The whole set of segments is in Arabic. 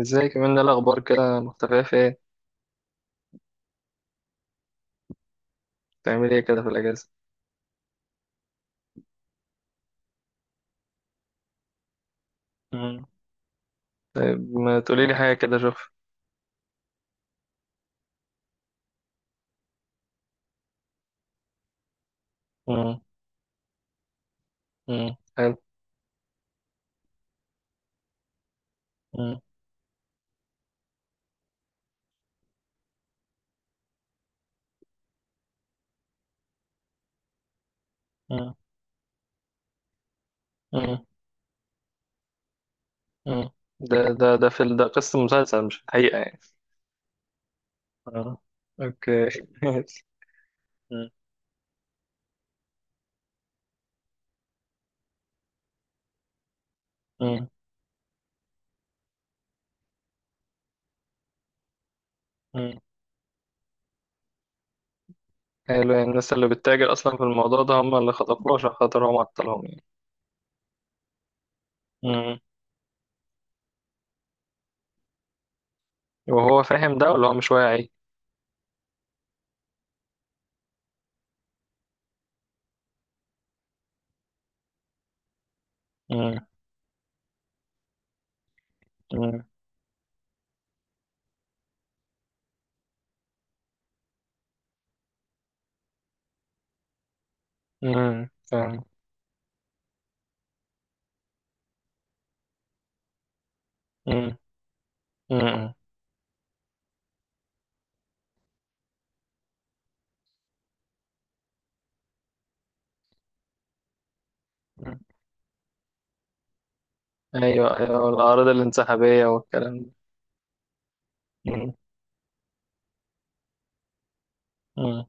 ازاي كمان ده الاخبار كده مختفيه في ايه؟ بتعملي ايه كده في الاجازه؟ مم. طيب، ما تقولي لي حاجه كده اشوف. مم. مم. حلو. مم. مم. مم. مم. ده ده قصه مسلسل مش الحقيقه يعني. اه، اوكي ماشي. مم. مم. مم. حلو، يعني الناس اللي بتتاجر اصلا في الموضوع ده هم اللي خطفوه عشان خاطر هو معطلهم يعني. مم. وهو فاهم ده ولا هو مش واعي؟ مم. مم. مم. فاهم. مم. مم. ايوه، ايوه، الاعراض الانسحابيه والكلام ده. مم. مم.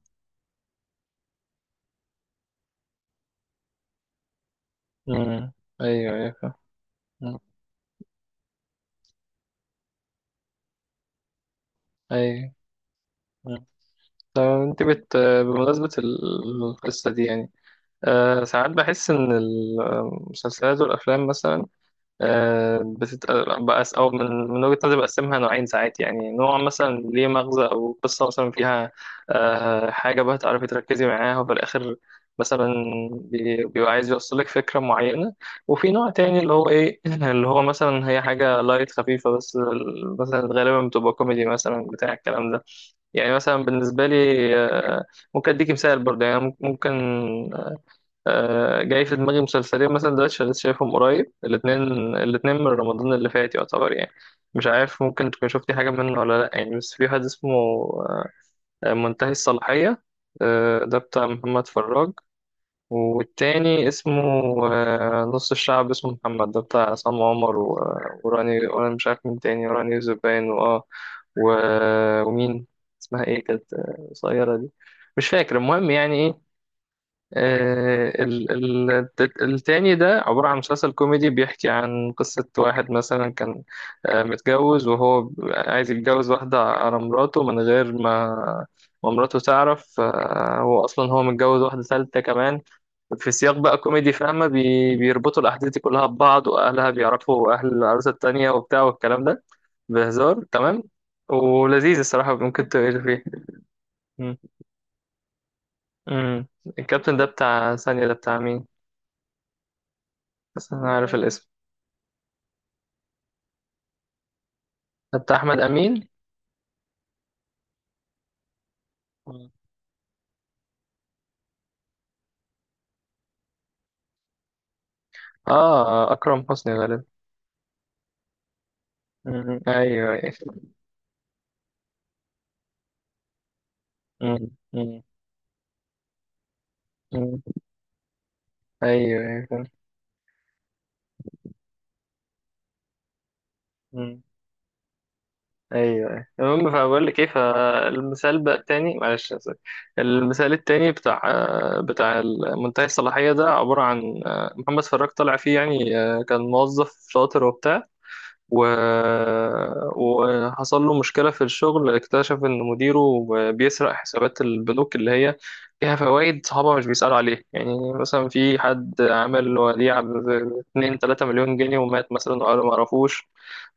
مم. ايوه، ايوه، فاهم. مم. ايوه. مم. طب انت بت بمناسبة القصة دي يعني. ساعات بحس ان المسلسلات والافلام مثلا، آه، بتت... بقى أو من وجهة نظري بقسمها نوعين، ساعات يعني نوع مثلا ليه مغزى أو قصة مثلا فيها حاجة بقى تعرفي تركزي معاها وفي الآخر، مثلا بيبقى عايز يوصلك فكرة معينة. وفي نوع تاني اللي هو إيه اللي هو مثلا هي حاجة لايت خفيفة بس مثلا غالبا بتبقى كوميدي مثلا بتاع الكلام ده. يعني مثلا بالنسبة لي، آه، ممكن أديك مثال برضه يعني ممكن، جاي في دماغي مسلسلين مثلا دلوقتي شغال شايفهم قريب الاتنين. الاتنين من رمضان اللي فات يعتبر يعني، مش عارف ممكن تكون شفتي حاجة منه ولا لأ، يعني بس في واحد اسمه منتهي الصلاحية، ده بتاع محمد فراج. والتاني اسمه نص الشعب، اسمه محمد، ده بتاع عصام عمر وراني، وأنا مش عارف مين تاني، وراني زبان ومين اسمها ايه، كانت قصيرة دي، مش فاكر. المهم يعني ايه، التاني ده عبارة عن مسلسل كوميدي بيحكي عن قصة واحد مثلا كان متجوز وهو عايز يتجوز واحدة على مراته من غير ما ما مراته تعرف، هو أصلا هو متجوز واحدة ثالثة كمان في سياق بقى كوميدي، فاهمة، بيربطوا الأحداث دي كلها ببعض، وأهلها بيعرفوا أهل العروسة التانية وبتاع والكلام ده. بهزار تمام ولذيذ الصراحة، ممكن تقري فيه. م- م. الكابتن ده بتاع ثانية، ده بتاع مين؟ بس انا عارف الاسم. ده بتاع احمد امين. مم. اه، اكرم حسني غالبا. مم. ايوه، ايوه. مم. مم. مم. ايوه، ايوه، فاهم. مم. ايوه، ايوه، المهم فبقول لك ايه، فالمثال بقى التاني، معلش أنا آسف. المثال التاني بتاع منتهي الصلاحيه ده عباره عن محمد فراج طالع فيه يعني كان موظف شاطر وبتاع و... وحصل له مشكلة في الشغل، اكتشف إن مديره بيسرق حسابات البنوك اللي هي فيها فوائد صحابه مش بيسألوا عليه، يعني مثلا في حد عمل وديعة ب 2 3 مليون جنيه ومات مثلا وقالوا ما عرفوش،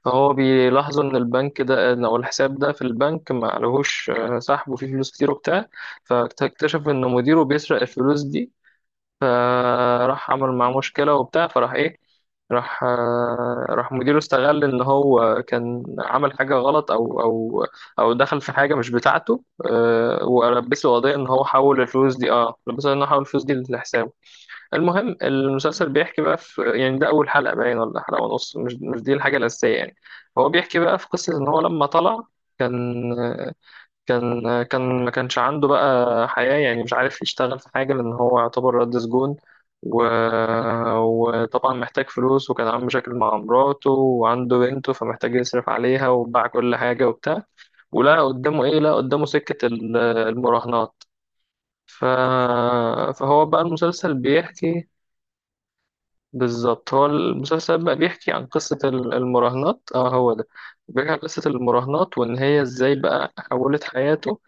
فهو بيلاحظوا إن البنك ده، أو الحساب ده في البنك ما عليهوش سحب، وفيه فلوس كتير وبتاع. فاكتشف إن مديره بيسرق الفلوس دي، فراح عمل معاه مشكلة وبتاع، فراح إيه، راح مديره استغل ان هو كان عمل حاجه غلط او دخل في حاجه مش بتاعته، ولبسه قضيه ان هو حول الفلوس دي، لبسه ان هو حول الفلوس دي لحسابه. المهم المسلسل بيحكي بقى في يعني ده اول حلقه باين ولا حلقه ونص، مش دي الحاجه الاساسيه يعني. هو بيحكي بقى في قصه ان هو لما طلع كان كان ما كانش عنده بقى حياة يعني مش عارف يشتغل في حاجة لأن هو يعتبر رد سجون و... وطبعا محتاج فلوس، وكان عنده مشاكل مع مراته وعنده بنته فمحتاج يصرف عليها وباع كل حاجة وبتاع، ولا قدامه إيه، لا قدامه سكة المراهنات. ف... فهو بقى المسلسل بيحكي، بالظبط هو المسلسل بقى بيحكي عن قصة المراهنات، اه، هو ده. بيحكي عن قصة المراهنات وإن هي إزاي بقى حولت حياته،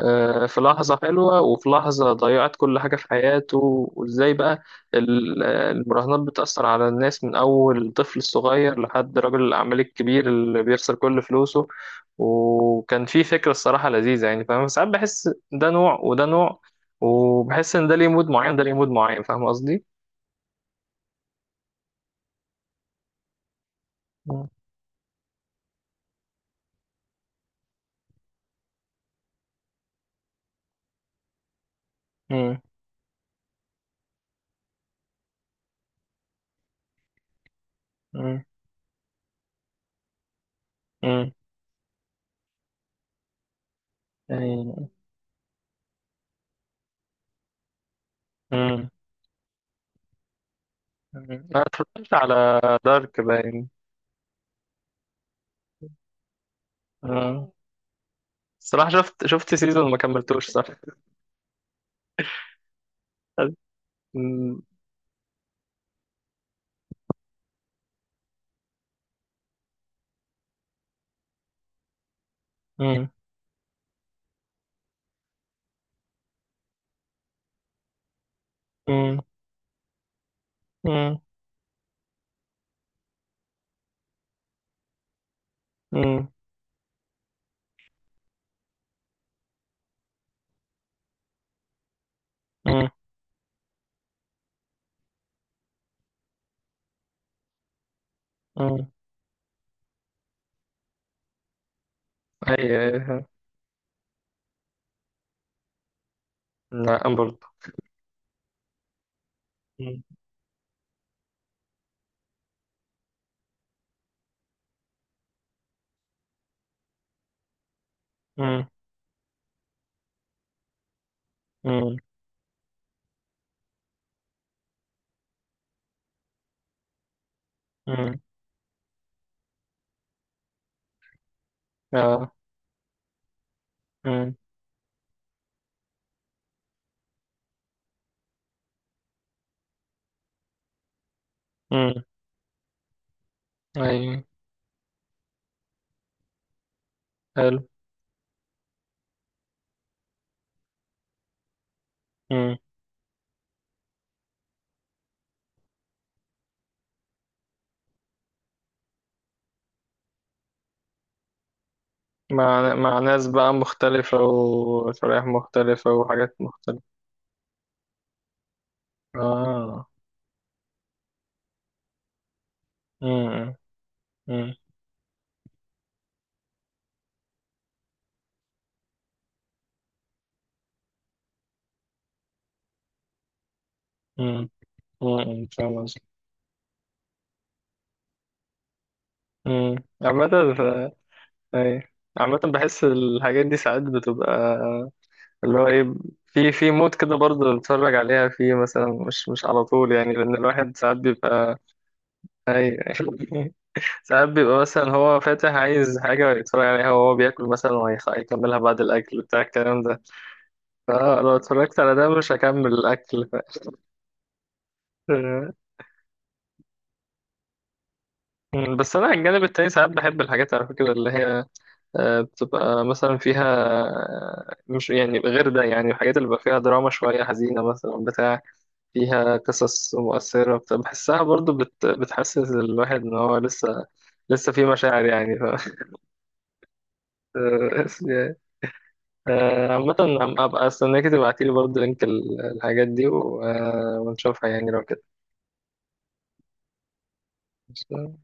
في لحظة حلوة وفي لحظة ضيعت كل حاجة في حياته، وإزاي بقى المراهنات بتأثر على الناس من أول طفل صغير لحد رجل الأعمال الكبير اللي بيخسر كل فلوسه. وكان في فكرة الصراحة لذيذة، يعني فاهم، ساعات بحس ده نوع وده نوع، وبحس إن ده ليه مود معين ده ليه مود معين، فاهم قصدي؟ مم. مم. مم. مم. يعني، مم. مم. أنا اتفرجت على دارك، باين. مم. الصراحة شفت سيزون ما كملتوش، صح؟ مم. مم. مم. مم. مم. مم. مم. أيوة، أيوة. لا، أنا برضه. مم. مم. مم. مم. آه. مم. مم. أيوة. حلو. مم. مع ناس بقى مختلفة وشرائح مختلفة وحاجات مختلفة. آه. مم. مم. مم. مم. فاهم قصدي. امم عامة، ف- أيوة، عامة بحس الحاجات دي ساعات بتبقى اللي هو ايه، في مود كده برضه نتفرج عليها فيه مثلا، مش على طول يعني لأن الواحد ساعات بيبقى، أي ساعات بيبقى مثلا هو فاتح عايز حاجة يتفرج عليها وهو بياكل مثلا وهيكملها بعد الأكل بتاع الكلام ده، فلو اتفرجت على ده مش هكمل الأكل. بس أنا على الجانب التاني ساعات بحب الحاجات على فكرة اللي هي بتبقى مثلا فيها مش يعني غير ده، يعني الحاجات اللي بيبقى فيها دراما شوية حزينة مثلا بتاع، فيها قصص مؤثرة، بحسها برضو بتحسس الواحد إن هو لسه في مشاعر يعني. عامة، أبقى أستناك تبعتيلي برضو لينك الحاجات دي ونشوفها يعني لو كده